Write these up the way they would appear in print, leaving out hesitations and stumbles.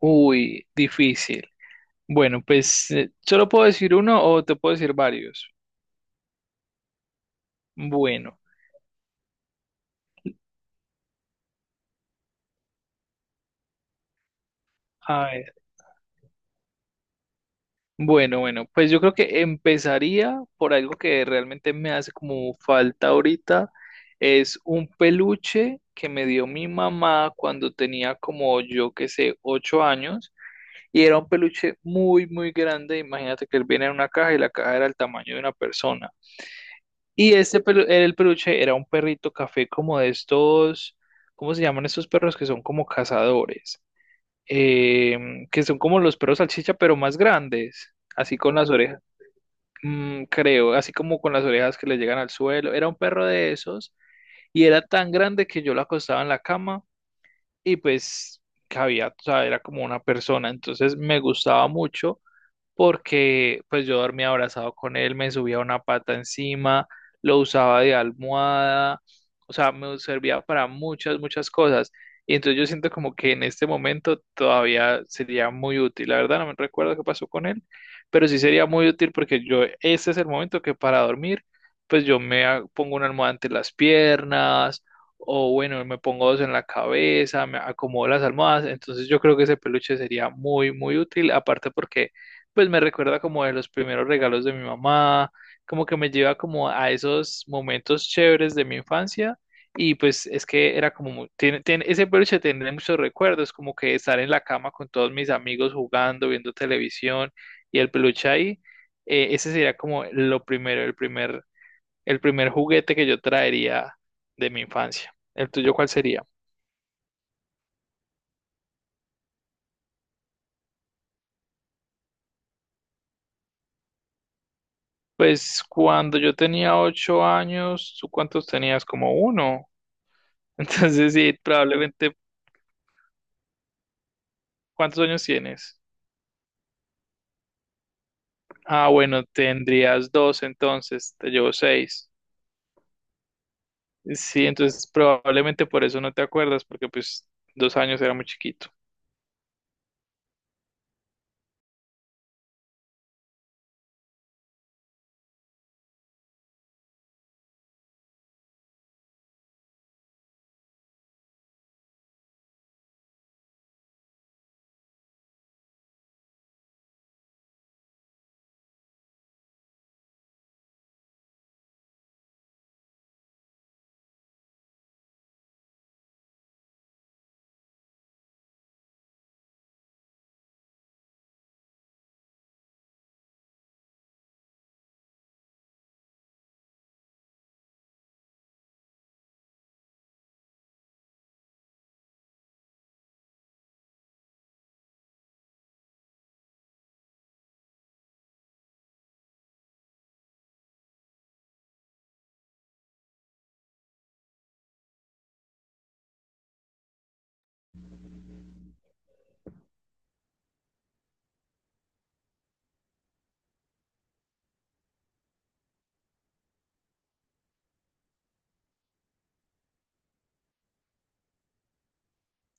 Uy, difícil. Bueno, pues solo puedo decir uno o te puedo decir varios. Bueno, a ver. Bueno, bueno, pues yo creo que empezaría por algo que realmente me hace como falta ahorita. Es un peluche que me dio mi mamá cuando tenía como yo que sé, 8 años. Y era un peluche muy, muy grande. Imagínate que él viene en una caja y la caja era el tamaño de una persona. Y el peluche era un perrito café como de estos, ¿cómo se llaman estos perros que son como cazadores? Que son como los perros salchicha, pero más grandes, así con las orejas, creo, así como con las orejas que le llegan al suelo. Era un perro de esos y era tan grande que yo lo acostaba en la cama y pues cabía, o sea, era como una persona. Entonces me gustaba mucho porque pues yo dormía abrazado con él, me subía una pata encima, lo usaba de almohada, o sea, me servía para muchas, muchas cosas. Y entonces yo siento como que en este momento todavía sería muy útil. La verdad no me recuerdo qué pasó con él, pero sí sería muy útil porque yo, este es el momento que para dormir, pues yo pongo una almohada entre las piernas. O bueno, me pongo dos en la cabeza, me acomodo las almohadas. Entonces yo creo que ese peluche sería muy, muy útil. Aparte porque pues me recuerda como de los primeros regalos de mi mamá, como que me lleva como a esos momentos chéveres de mi infancia y pues es que era como, tiene, ese peluche tiene muchos recuerdos, como que estar en la cama con todos mis amigos jugando, viendo televisión y el peluche ahí, ese sería como lo primero, el primer juguete que yo traería de mi infancia. ¿El tuyo cuál sería? Pues cuando yo tenía 8 años, ¿tú cuántos tenías? Como uno. Entonces sí, probablemente ¿Cuántos años tienes? Ah, bueno, tendrías 2 entonces, te llevo 6. Sí, entonces probablemente por eso no te acuerdas, porque pues 2 años era muy chiquito.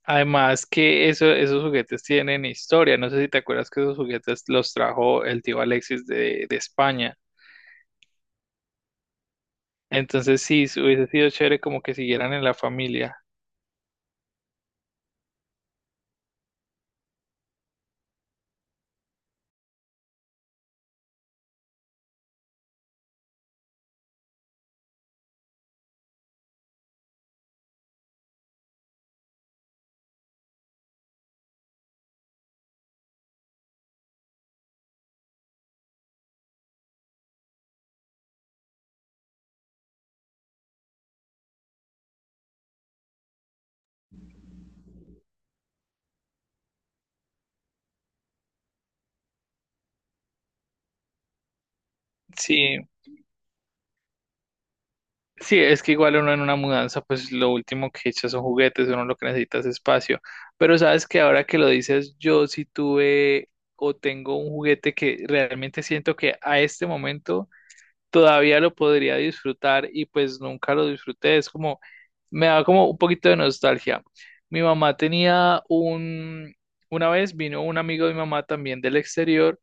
Además que eso, esos juguetes tienen historia. No sé si te acuerdas que esos juguetes los trajo el tío Alexis de España. Entonces sí, hubiese sido chévere como que siguieran en la familia. Sí, sí, es que igual uno en una mudanza, pues lo último que echa son juguetes, uno lo que necesita es espacio. Pero sabes que ahora que lo dices, yo sí tuve o tengo un juguete que realmente siento que a este momento todavía lo podría disfrutar y pues nunca lo disfruté. Es como, me da como un poquito de nostalgia. Mi mamá tenía un, una vez vino un amigo de mi mamá también del exterior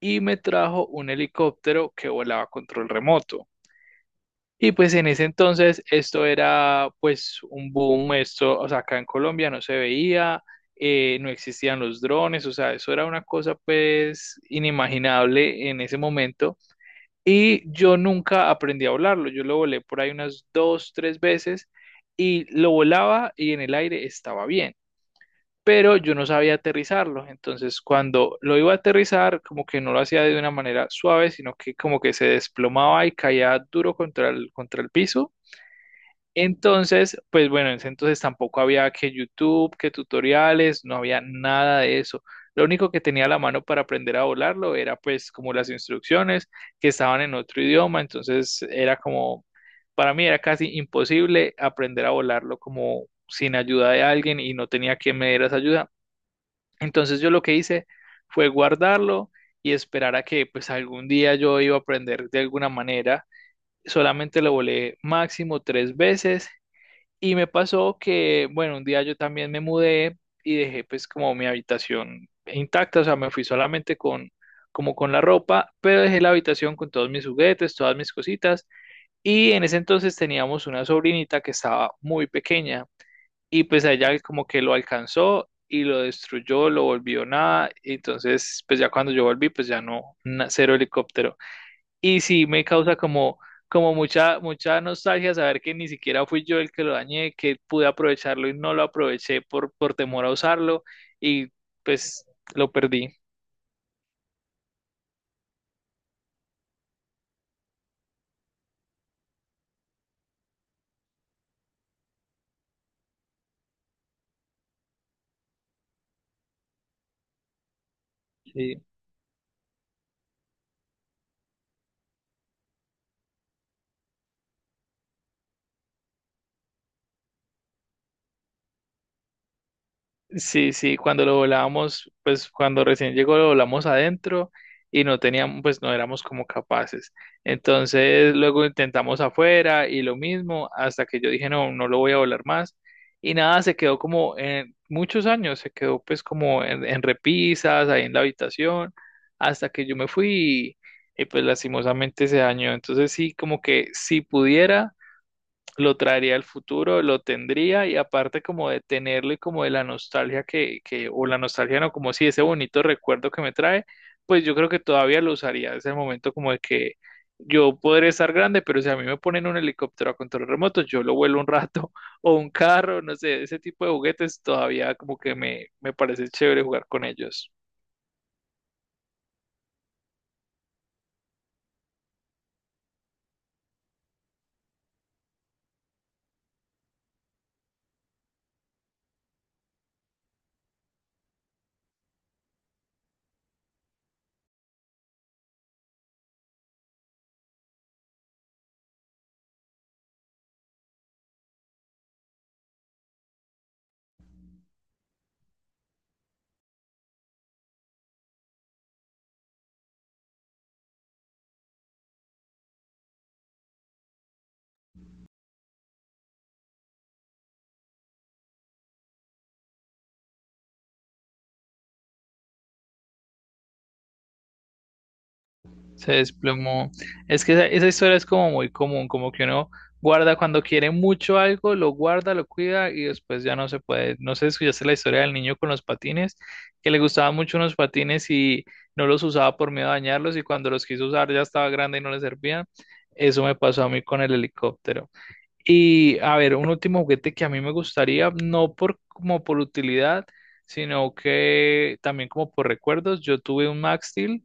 y me trajo un helicóptero que volaba a control remoto. Y pues en ese entonces esto era pues un boom, esto, o sea, acá en Colombia no se veía, no existían los drones, o sea, eso era una cosa pues inimaginable en ese momento. Y yo nunca aprendí a volarlo. Yo lo volé por ahí unas 2, 3 veces y lo volaba y en el aire estaba bien, pero yo no sabía aterrizarlo. Entonces, cuando lo iba a aterrizar, como que no lo hacía de una manera suave, sino que como que se desplomaba y caía duro contra el piso. Entonces, pues bueno, en ese entonces tampoco había que YouTube, que tutoriales, no había nada de eso. Lo único que tenía a la mano para aprender a volarlo era pues como las instrucciones que estaban en otro idioma, entonces era como, para mí era casi imposible aprender a volarlo como sin ayuda de alguien y no tenía quien me diera esa ayuda. Entonces yo lo que hice fue guardarlo y esperar a que pues algún día yo iba a aprender de alguna manera. Solamente lo volé máximo 3 veces y me pasó que, bueno, un día yo también me mudé y dejé pues como mi habitación intacta, o sea, me fui solamente con como con la ropa, pero dejé la habitación con todos mis juguetes, todas mis cositas. Y en ese entonces teníamos una sobrinita que estaba muy pequeña y pues a ella como que lo alcanzó y lo destruyó, lo volvió nada. Y entonces, pues ya cuando yo volví, pues ya no, cero helicóptero. Y sí, me causa como, como mucha, mucha nostalgia saber que ni siquiera fui yo el que lo dañé, que pude aprovecharlo y no lo aproveché por temor a usarlo y pues lo perdí. Sí. Sí, sí, cuando lo volábamos, pues cuando recién llegó lo volamos adentro y no teníamos, pues no éramos como capaces. Entonces luego intentamos afuera y lo mismo, hasta que yo dije, no, no lo voy a volar más. Y nada, se quedó como en muchos años, se quedó pues como en repisas, ahí en la habitación, hasta que yo me fui y pues lastimosamente se dañó. Entonces sí, como que si pudiera lo traería al futuro, lo tendría y aparte como de tenerlo y como de la nostalgia que o la nostalgia no, como si ese bonito recuerdo que me trae, pues yo creo que todavía lo usaría. Es el momento como de que yo podré estar grande, pero si a mí me ponen un helicóptero a control remoto, yo lo vuelo un rato o un carro, no sé, ese tipo de juguetes todavía como que me parece chévere jugar con ellos. Se desplomó. Es que esa historia es como muy común, como que uno guarda cuando quiere mucho algo, lo guarda, lo cuida y después ya no se puede. No sé si escuchaste la historia del niño con los patines, que le gustaban mucho unos patines y no los usaba por miedo a dañarlos y cuando los quiso usar ya estaba grande y no le servían. Eso me pasó a mí con el helicóptero. Y a ver, un último juguete que a mí me gustaría, no por como por utilidad, sino que también como por recuerdos. Yo tuve un Max Steel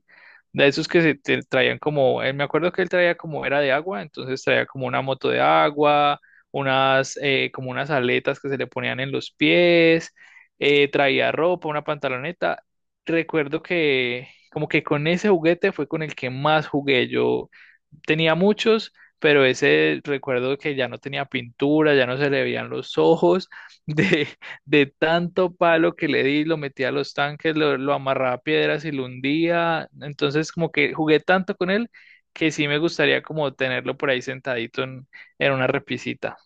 de esos que se te traían como, él, me acuerdo que él traía como era de agua, entonces traía como una moto de agua, unas como unas aletas que se le ponían en los pies, traía ropa, una pantaloneta. Recuerdo que como que con ese juguete fue con el que más jugué yo tenía muchos, pero ese recuerdo que ya no tenía pintura, ya no se le veían los ojos, de, de tanto palo que le di, lo metía a los tanques, lo amarraba a piedras y lo hundía. Entonces, como que jugué tanto con él que sí me gustaría como tenerlo por ahí sentadito en una repisita.